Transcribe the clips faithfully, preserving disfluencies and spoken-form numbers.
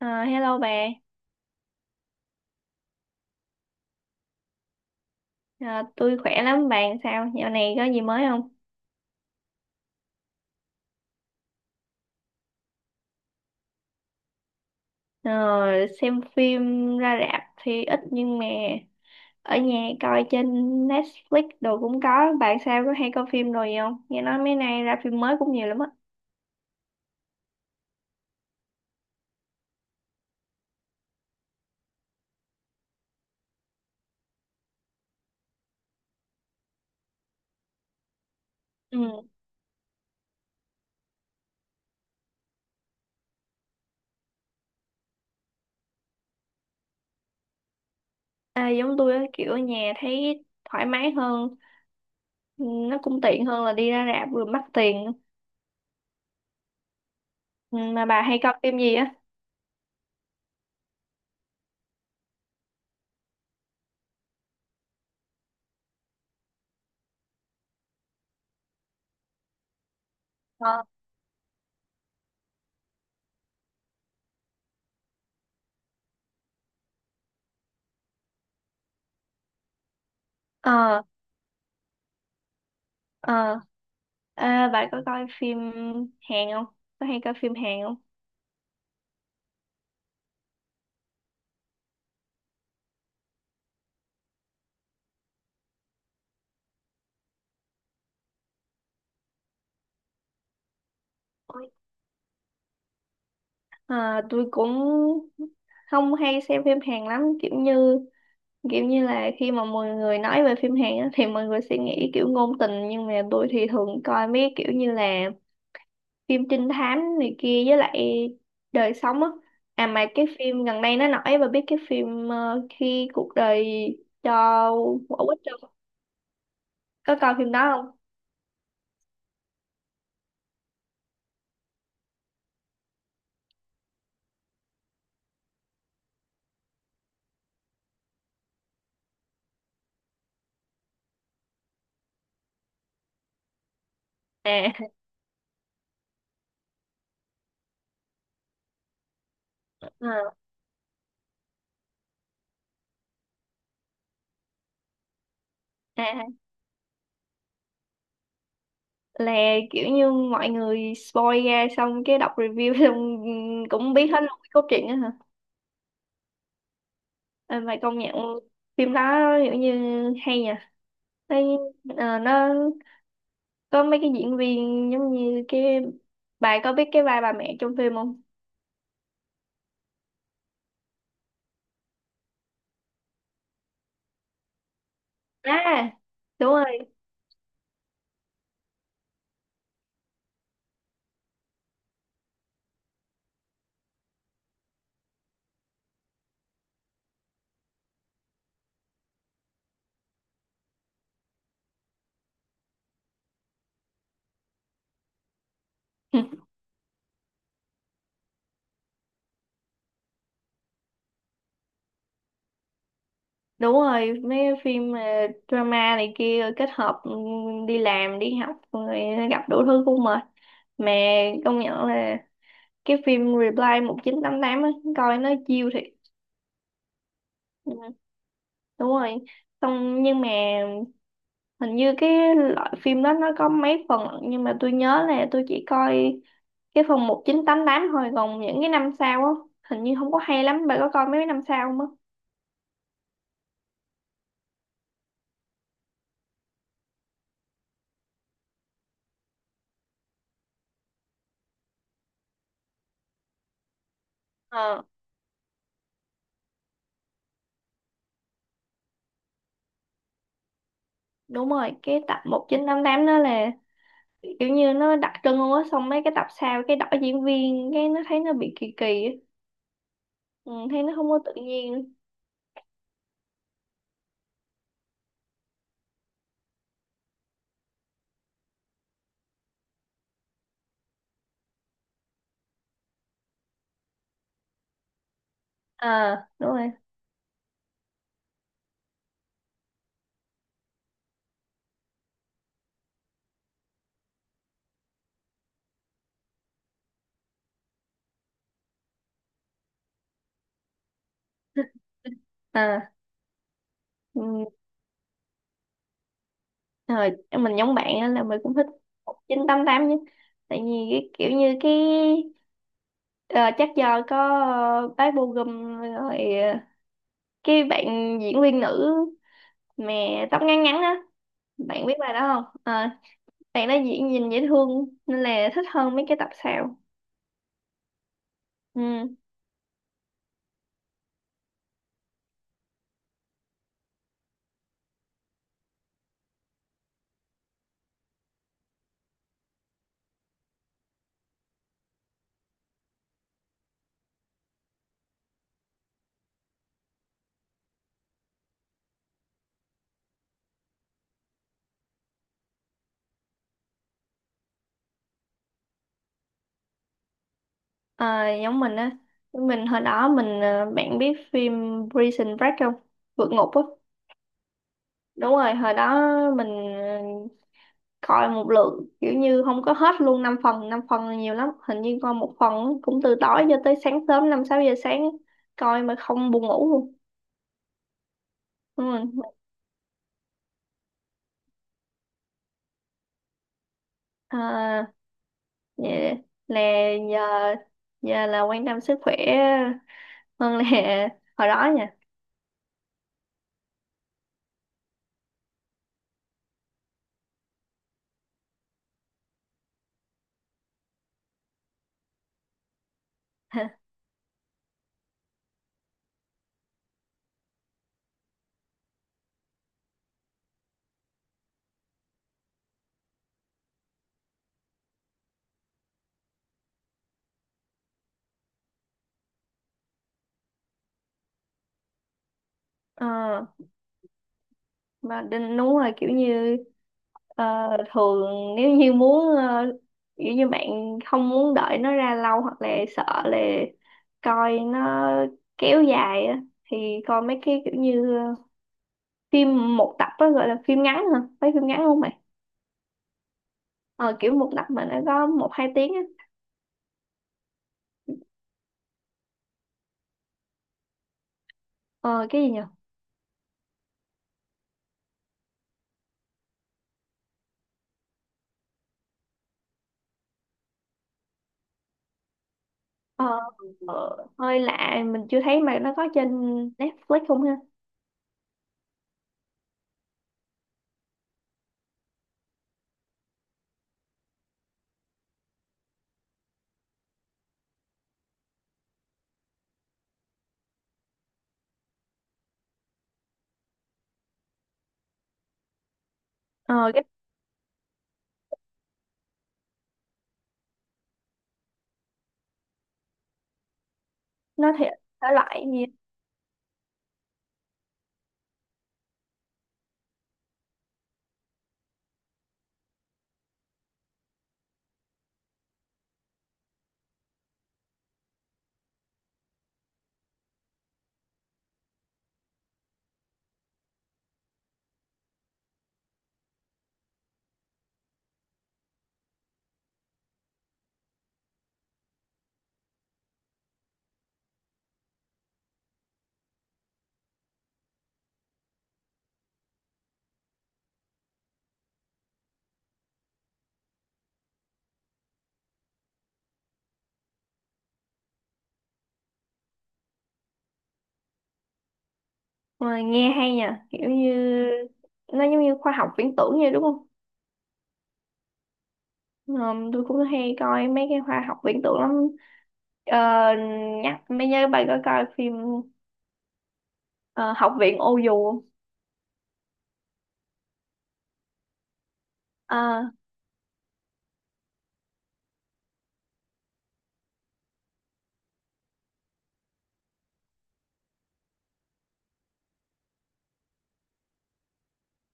Ờ, Hello bà. Ờ, tôi khỏe lắm, bạn sao? Dạo này có gì mới không? Ờ, xem phim ra rạp thì ít nhưng mà ở nhà coi trên Netflix đồ cũng có. Bạn sao có hay coi phim rồi gì không? Nghe nói mấy nay ra phim mới cũng nhiều lắm á. Ừ. À, giống tôi á, kiểu ở nhà thấy thoải mái hơn. Ừ, nó cũng tiện hơn là đi ra rạp vừa mắc tiền. Ừ, mà bà hay coi phim gì á? Ờ, ờ, ờ. À, bà có coi phim Hàn không? Có hay coi phim Hàn không? À, tôi cũng không hay xem phim Hàn lắm, kiểu như kiểu như là khi mà mọi người nói về phim Hàn á, thì mọi người sẽ nghĩ kiểu ngôn tình, nhưng mà tôi thì thường coi mấy kiểu như là phim trinh thám này kia, với lại đời sống á. À, mà cái phim gần đây nó nổi, và biết cái phim ờ, Khi cuộc đời cho quả quýt không? Có coi phim đó không? À à, à là kiểu như mọi người spoil ra xong cái đọc review xong cũng biết hết luôn cái cốt truyện á hả? Ờ, mày công nhận phim đó kiểu như hay nhỉ? Thấy, ờ, nó có mấy cái diễn viên giống như cái, bà có biết cái vai bà mẹ trong phim không? À, đúng rồi. Đúng rồi, mấy cái phim ờ, drama này kia kết hợp, ừ, đi làm, đi học rồi gặp đủ thứ cũng mệt. Mà công nhận là cái phim Reply một chín tám tám á, coi nó chill thiệt. Ừ, đúng rồi. Xong nhưng mà hình như cái loại phim đó nó có mấy phần, nhưng mà tôi nhớ là tôi chỉ coi cái phần một chín tám tám thôi, còn những cái năm sau á hình như không có hay lắm. Bà có coi mấy năm sau không á? ờ Đúng rồi, cái tập một chín tám tám đó là kiểu như nó đặc trưng luôn á, xong mấy cái tập sau cái đổi diễn viên cái nó thấy nó bị kỳ kỳ á. Ừ, thấy nó không có tự nhiên. À, đúng rồi. À, ừ. Thời em mình giống bạn á, là mình cũng thích một chín tám tám nhé. Tại vì cái kiểu như cái, ờ, chắc do có uh, bác Bô Gum rồi, ờ, cái bạn diễn viên nữ mà tóc ngắn ngắn á, bạn biết bài đó không? Ờ, bạn đó diễn nhìn dễ thương nên là thích hơn mấy cái tập sau. Ừ. Ờ, giống mình á, mình hồi đó mình, ờ, bạn biết phim Prison Break không? Vượt ngục á. Đúng rồi, hồi đó mình coi một lượng kiểu như không có hết luôn, năm phần năm phần là nhiều lắm, hình như coi một phần cũng từ tối cho tới sáng sớm năm sáu giờ sáng, coi mà không buồn ngủ luôn. Đúng rồi. À, vậy là giờ giờ là quan tâm sức khỏe hơn là hồi đó nha. Ờ, mà đinh, đúng rồi, kiểu như, Ờ, thường nếu như muốn, ờ, kiểu như bạn không muốn đợi nó ra lâu, hoặc là sợ là coi nó kéo dài á, thì coi mấy cái kiểu như ờ, phim một tập á, gọi là phim ngắn hả? Mấy phim ngắn không mày? ờ, Kiểu một tập mà nó có một hai tiếng á. ờ, cái gì nhỉ? ờ, ờ, Hơi lạ, mình chưa thấy. Mà nó có trên Netflix không ha? ờ, cái nó thì thể loại gì? ờ, Nghe hay nhỉ, kiểu như nó giống như khoa học viễn tưởng vậy đúng không? Ờm, tôi cũng hay coi mấy cái khoa học viễn tưởng lắm. Ờ, Nhắc mấy nhớ, bạn có coi phim ờ, Học viện Ô Dù không? Ờ,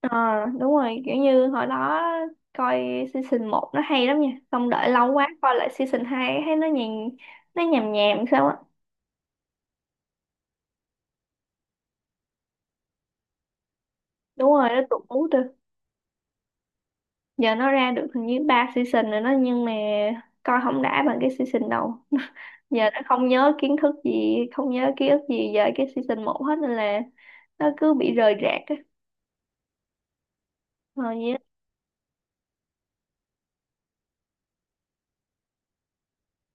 ờ, Đúng rồi, kiểu như hồi đó coi season một nó hay lắm nha, xong đợi lâu quá coi lại season hai thấy nó nhàn, nó nhàm nhàm sao á. Đúng rồi, nó tụt mút rồi. Giờ nó ra được hình như ba season rồi đó, nhưng mà coi không đã bằng cái season đầu. Giờ đã không nhớ kiến thức gì, không nhớ ký ức gì về cái season một hết nên là nó cứ bị rời rạc. Ờ, dạ.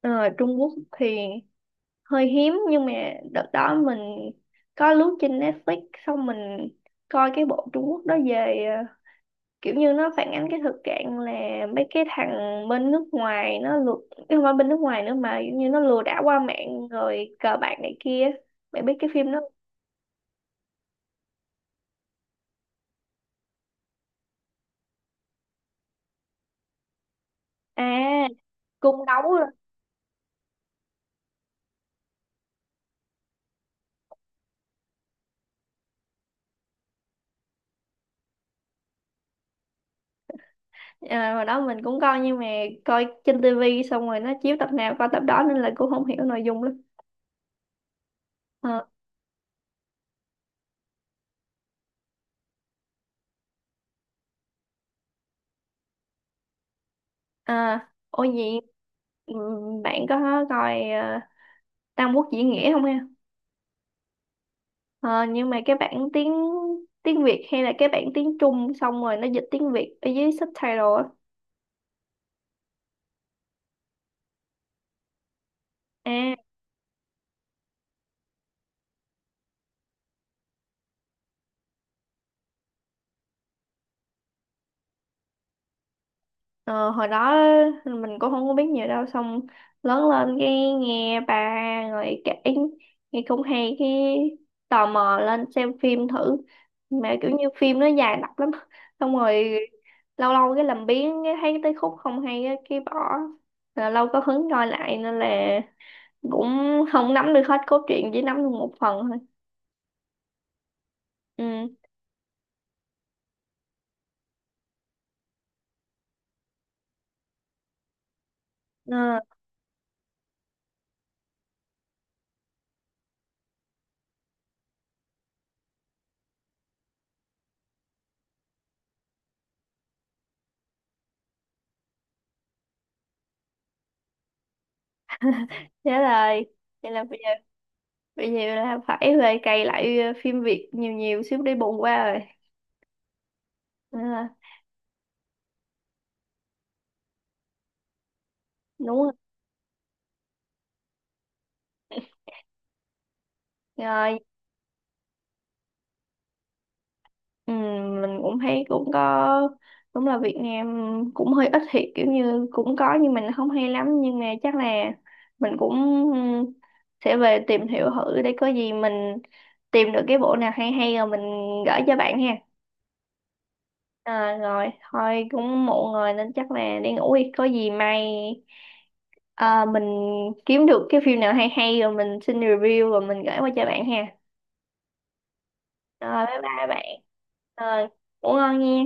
Ờ, Trung Quốc thì hơi hiếm, nhưng mà đợt đó mình có lướt trên Netflix xong mình coi cái bộ Trung Quốc đó về, ờ, kiểu như nó phản ánh cái thực trạng là mấy cái thằng bên nước ngoài nó lừa, chứ không phải bên nước ngoài nữa mà kiểu như nó lừa đảo qua mạng rồi cờ bạc này kia. Bạn biết cái phim đó? À, cung đấu rồi. À, hồi đó mình cũng coi nhưng mà coi trên tivi, xong rồi nó chiếu tập nào coi tập đó nên là cũng không hiểu nội dung lắm. Ờ, À, ôi gì, bạn có coi ờ, Tam Quốc Diễn Nghĩa không em? Ờ, nhưng mà cái bản tiếng tiếng Việt hay là cái bản tiếng Trung xong rồi nó dịch tiếng Việt ở dưới subtitle á? À Ờ, hồi đó mình cũng không có biết nhiều đâu, xong lớn lên cái nghe ba người kể nghe cũng hay, cái tò mò lên xem phim thử. Mà kiểu như phim nó dài đặc lắm, xong rồi lâu lâu cái làm biếng, cái thấy tới khúc không hay á, cái bỏ. Là lâu có hứng coi lại nên là cũng không nắm được hết cốt truyện, chỉ nắm được một phần thôi. Ừ. Ờ, Thế rồi, vậy là bây giờ bây giờ là phải về cày lại ờ, phim Việt nhiều nhiều xíu để bù qua rồi. À, đúng rồi. Rồi, ừ, mình cũng thấy cũng có, đúng là Việt Nam cũng hơi ít thiệt, kiểu như cũng có nhưng mình không hay lắm. Nhưng mà chắc là mình cũng, ừ, sẽ về tìm hiểu thử để có gì mình tìm được cái bộ nào hay hay rồi mình gửi cho bạn ha. À, rồi thôi cũng muộn rồi nên chắc là đi ngủ đi, có gì mai, à, mình kiếm được cái phim nào hay hay rồi mình xin review rồi mình gửi qua cho bạn ha. Rồi bye bye bạn. Rồi, ngủ ngon nha.